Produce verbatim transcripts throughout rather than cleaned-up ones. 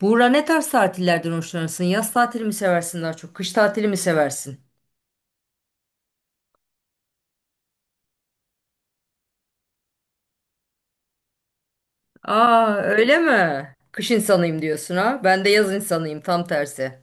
Buğra ne tarz tatillerden hoşlanırsın? Yaz tatili mi seversin daha çok? Kış tatili mi seversin? Aa öyle mi? Kış insanıyım diyorsun ha? Ben de yaz insanıyım tam tersi.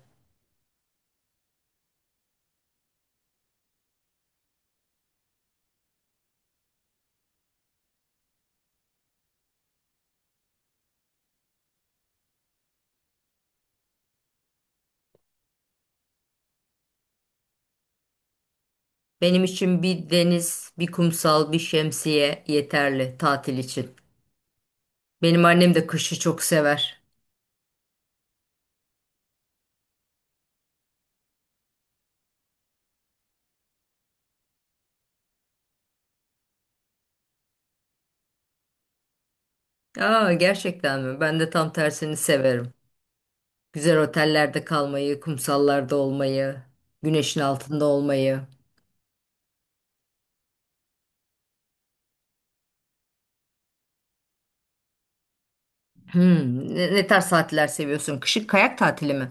Benim için bir deniz, bir kumsal, bir şemsiye yeterli tatil için. Benim annem de kışı çok sever. Aa gerçekten mi? Ben de tam tersini severim. Güzel otellerde kalmayı, kumsallarda olmayı, güneşin altında olmayı. Hmm, ne, ne tarz tatiller seviyorsun? Kışın kayak tatili mi?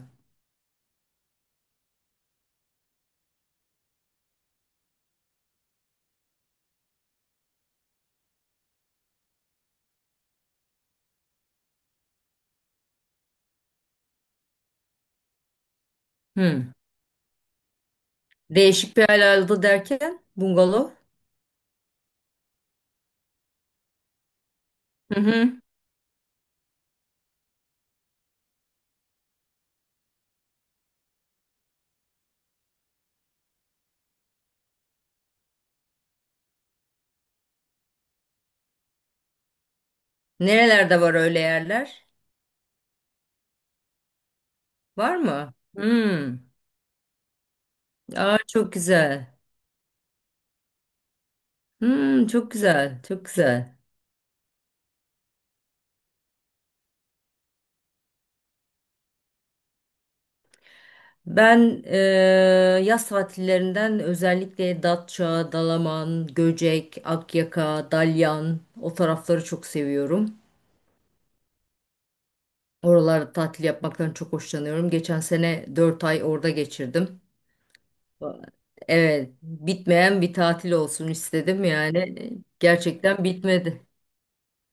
Hmm. Değişik bir alanda derken bungalov. Hı hı. Nerelerde var öyle yerler? Var mı? Hmm. Aa, çok güzel. Hmm, çok güzel. Çok güzel. Ben eee, yaz tatillerinden özellikle Datça, Dalaman, Göcek, Akyaka, Dalyan o tarafları çok seviyorum. Oralarda tatil yapmaktan çok hoşlanıyorum. Geçen sene dört ay orada geçirdim. Evet, bitmeyen bir tatil olsun istedim yani. Gerçekten bitmedi.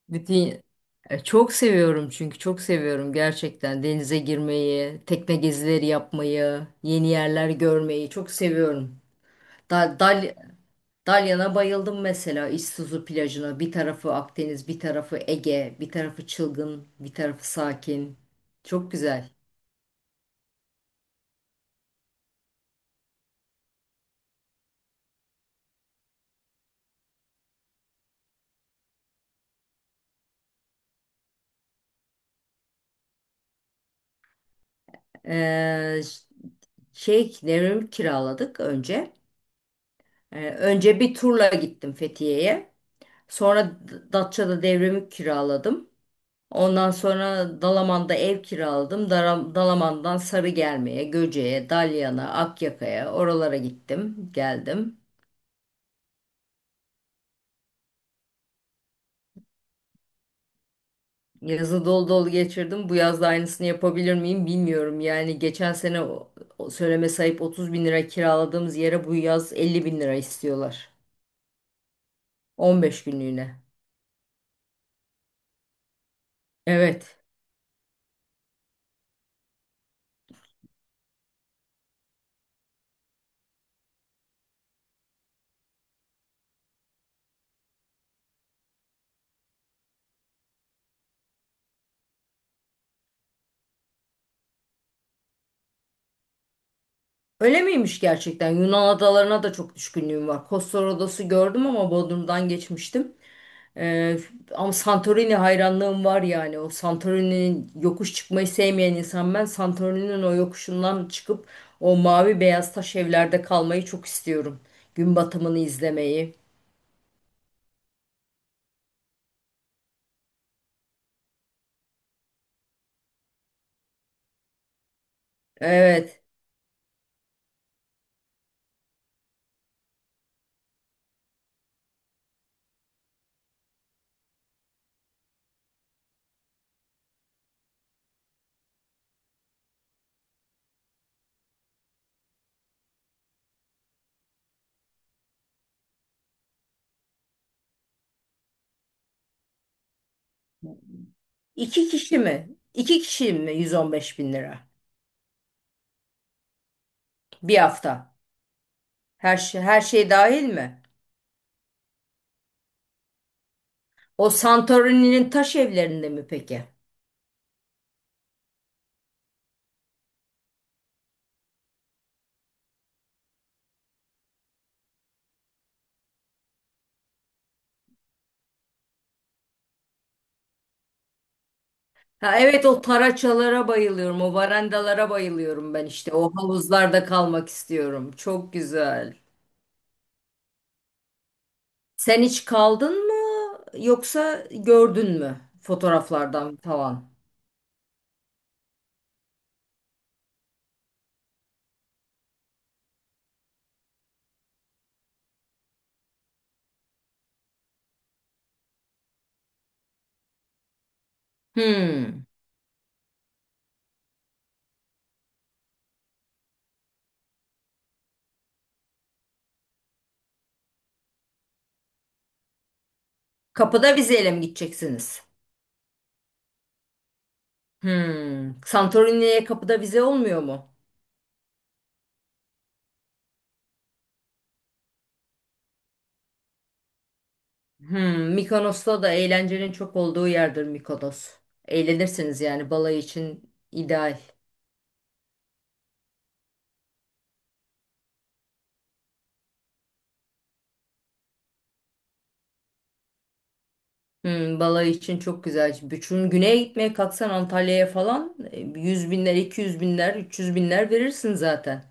Bütün E, çok seviyorum çünkü çok seviyorum gerçekten denize girmeyi, tekne gezileri yapmayı, yeni yerler görmeyi çok seviyorum. Dal, Dal- Dalyan'a bayıldım mesela İztuzu plajına. Bir tarafı Akdeniz, bir tarafı Ege, bir tarafı çılgın, bir tarafı sakin. Çok güzel. Ee, ş- şey, Nevram'ı kiraladık önce. Ee, önce bir turla gittim Fethiye'ye. Sonra D- Datça'da devremi kiraladım. Ondan sonra Dalaman'da ev kiraladım. Dara- Dalaman'dan Sarıgerme'ye, Göce'ye, Dalyan'a, Akyaka'ya oralara gittim, geldim. Yazı dolu dolu geçirdim. Bu yaz da aynısını yapabilir miyim bilmiyorum. Yani geçen sene o- o söyleme sahip otuz bin lira kiraladığımız yere bu yaz elli bin lira istiyorlar. on beş günlüğüne. Evet. Öyle miymiş gerçekten? Yunan adalarına da çok düşkünlüğüm var. Kostor adası gördüm ama Bodrum'dan geçmiştim. Ee, Ama Santorini hayranlığım var yani. O Santorini'nin yokuş çıkmayı sevmeyen insan ben. Santorini'nin o yokuşundan çıkıp o mavi beyaz taş evlerde kalmayı çok istiyorum. Gün batımını izlemeyi. Evet. İki kişi mi? İki kişi mi? yüz on beş bin lira. Bir hafta. Her şey, her şey dahil mi? O Santorini'nin taş evlerinde mi peki? Ha, evet o taraçalara bayılıyorum. O varandalara bayılıyorum ben işte. O havuzlarda kalmak istiyorum. Çok güzel. Sen hiç kaldın mı yoksa gördün mü fotoğraflardan falan? Hmm. Kapıda vizeyle mi gideceksiniz? Hmm. Santorini'ye kapıda vize olmuyor mu? Hmm. Mikonos'ta da eğlencenin çok olduğu yerdir Mikonos. Eğlenirsiniz yani balayı için ideal. Hmm, balayı için çok güzel. Bütün güneye gitmeye kalksan Antalya'ya falan e, yüz binler, iki yüz binler, üç yüz binler verirsin zaten.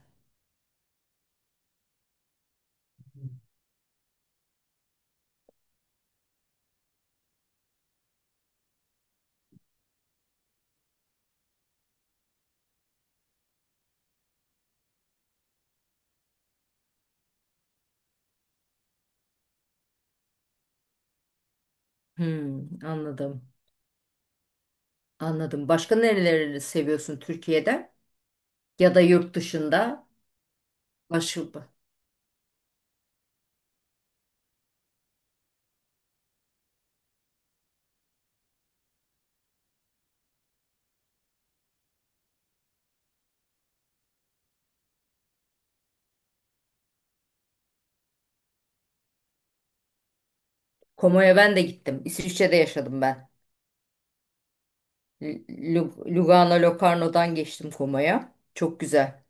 Hmm, anladım. Anladım. Başka nereleri seviyorsun Türkiye'de ya da yurt dışında? Başka Komo'ya ben de gittim. İsviçre'de yaşadım ben. Lu- Lugano, Locarno'dan geçtim Komo'ya. Çok güzel.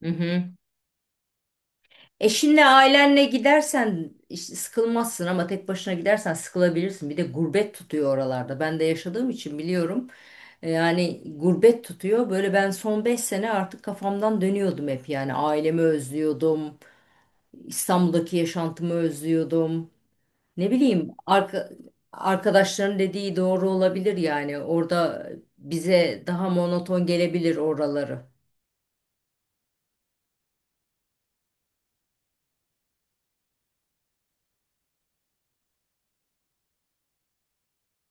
Mhm. Eşinle ailenle gidersen işte sıkılmazsın ama tek başına gidersen sıkılabilirsin. Bir de gurbet tutuyor oralarda. Ben de yaşadığım için biliyorum. E, Yani gurbet tutuyor. Böyle ben son beş sene artık kafamdan dönüyordum hep. Yani ailemi özlüyordum. İstanbul'daki yaşantımı özlüyordum. Ne bileyim arka, arkadaşların dediği doğru olabilir yani. Orada bize daha monoton gelebilir oraları.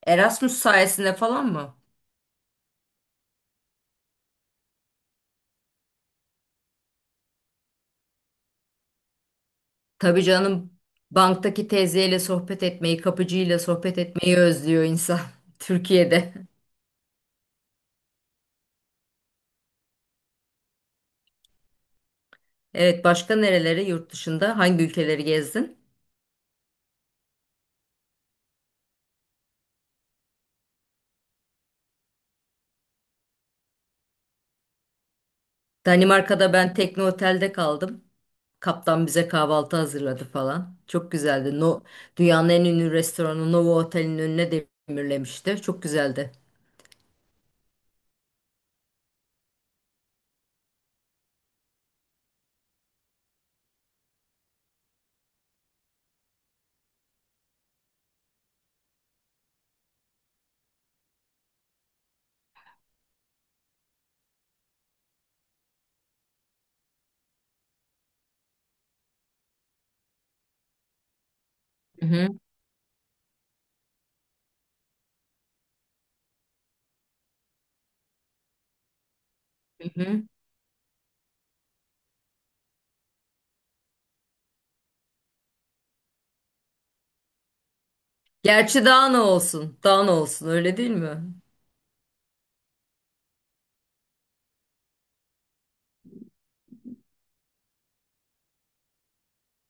Erasmus sayesinde falan mı? Tabii canım banktaki teyzeyle sohbet etmeyi, kapıcıyla sohbet etmeyi özlüyor insan Türkiye'de. Evet, başka nereleri, yurt dışında hangi ülkeleri gezdin? Danimarka'da ben tekne otelde kaldım. Kaptan bize kahvaltı hazırladı falan. Çok güzeldi. No, Dünyanın en ünlü restoranı Novo Otel'in önüne demirlemişti. Çok güzeldi. Hı hı, hı hı. Gerçi daha ne olsun? Daha ne olsun öyle değil mi?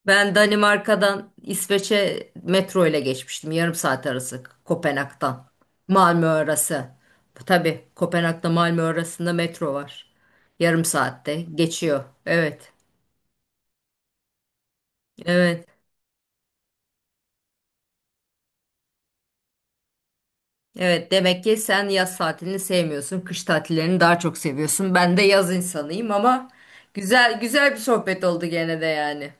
Ben Danimarka'dan İsveç'e metro ile geçmiştim. Yarım saat arası Kopenhag'dan. Malmö arası. Tabii Kopenhag'da Malmö arasında metro var. Yarım saatte geçiyor. Evet. Evet. Evet, demek ki sen yaz tatilini sevmiyorsun. Kış tatillerini daha çok seviyorsun. Ben de yaz insanıyım ama güzel güzel bir sohbet oldu gene de yani.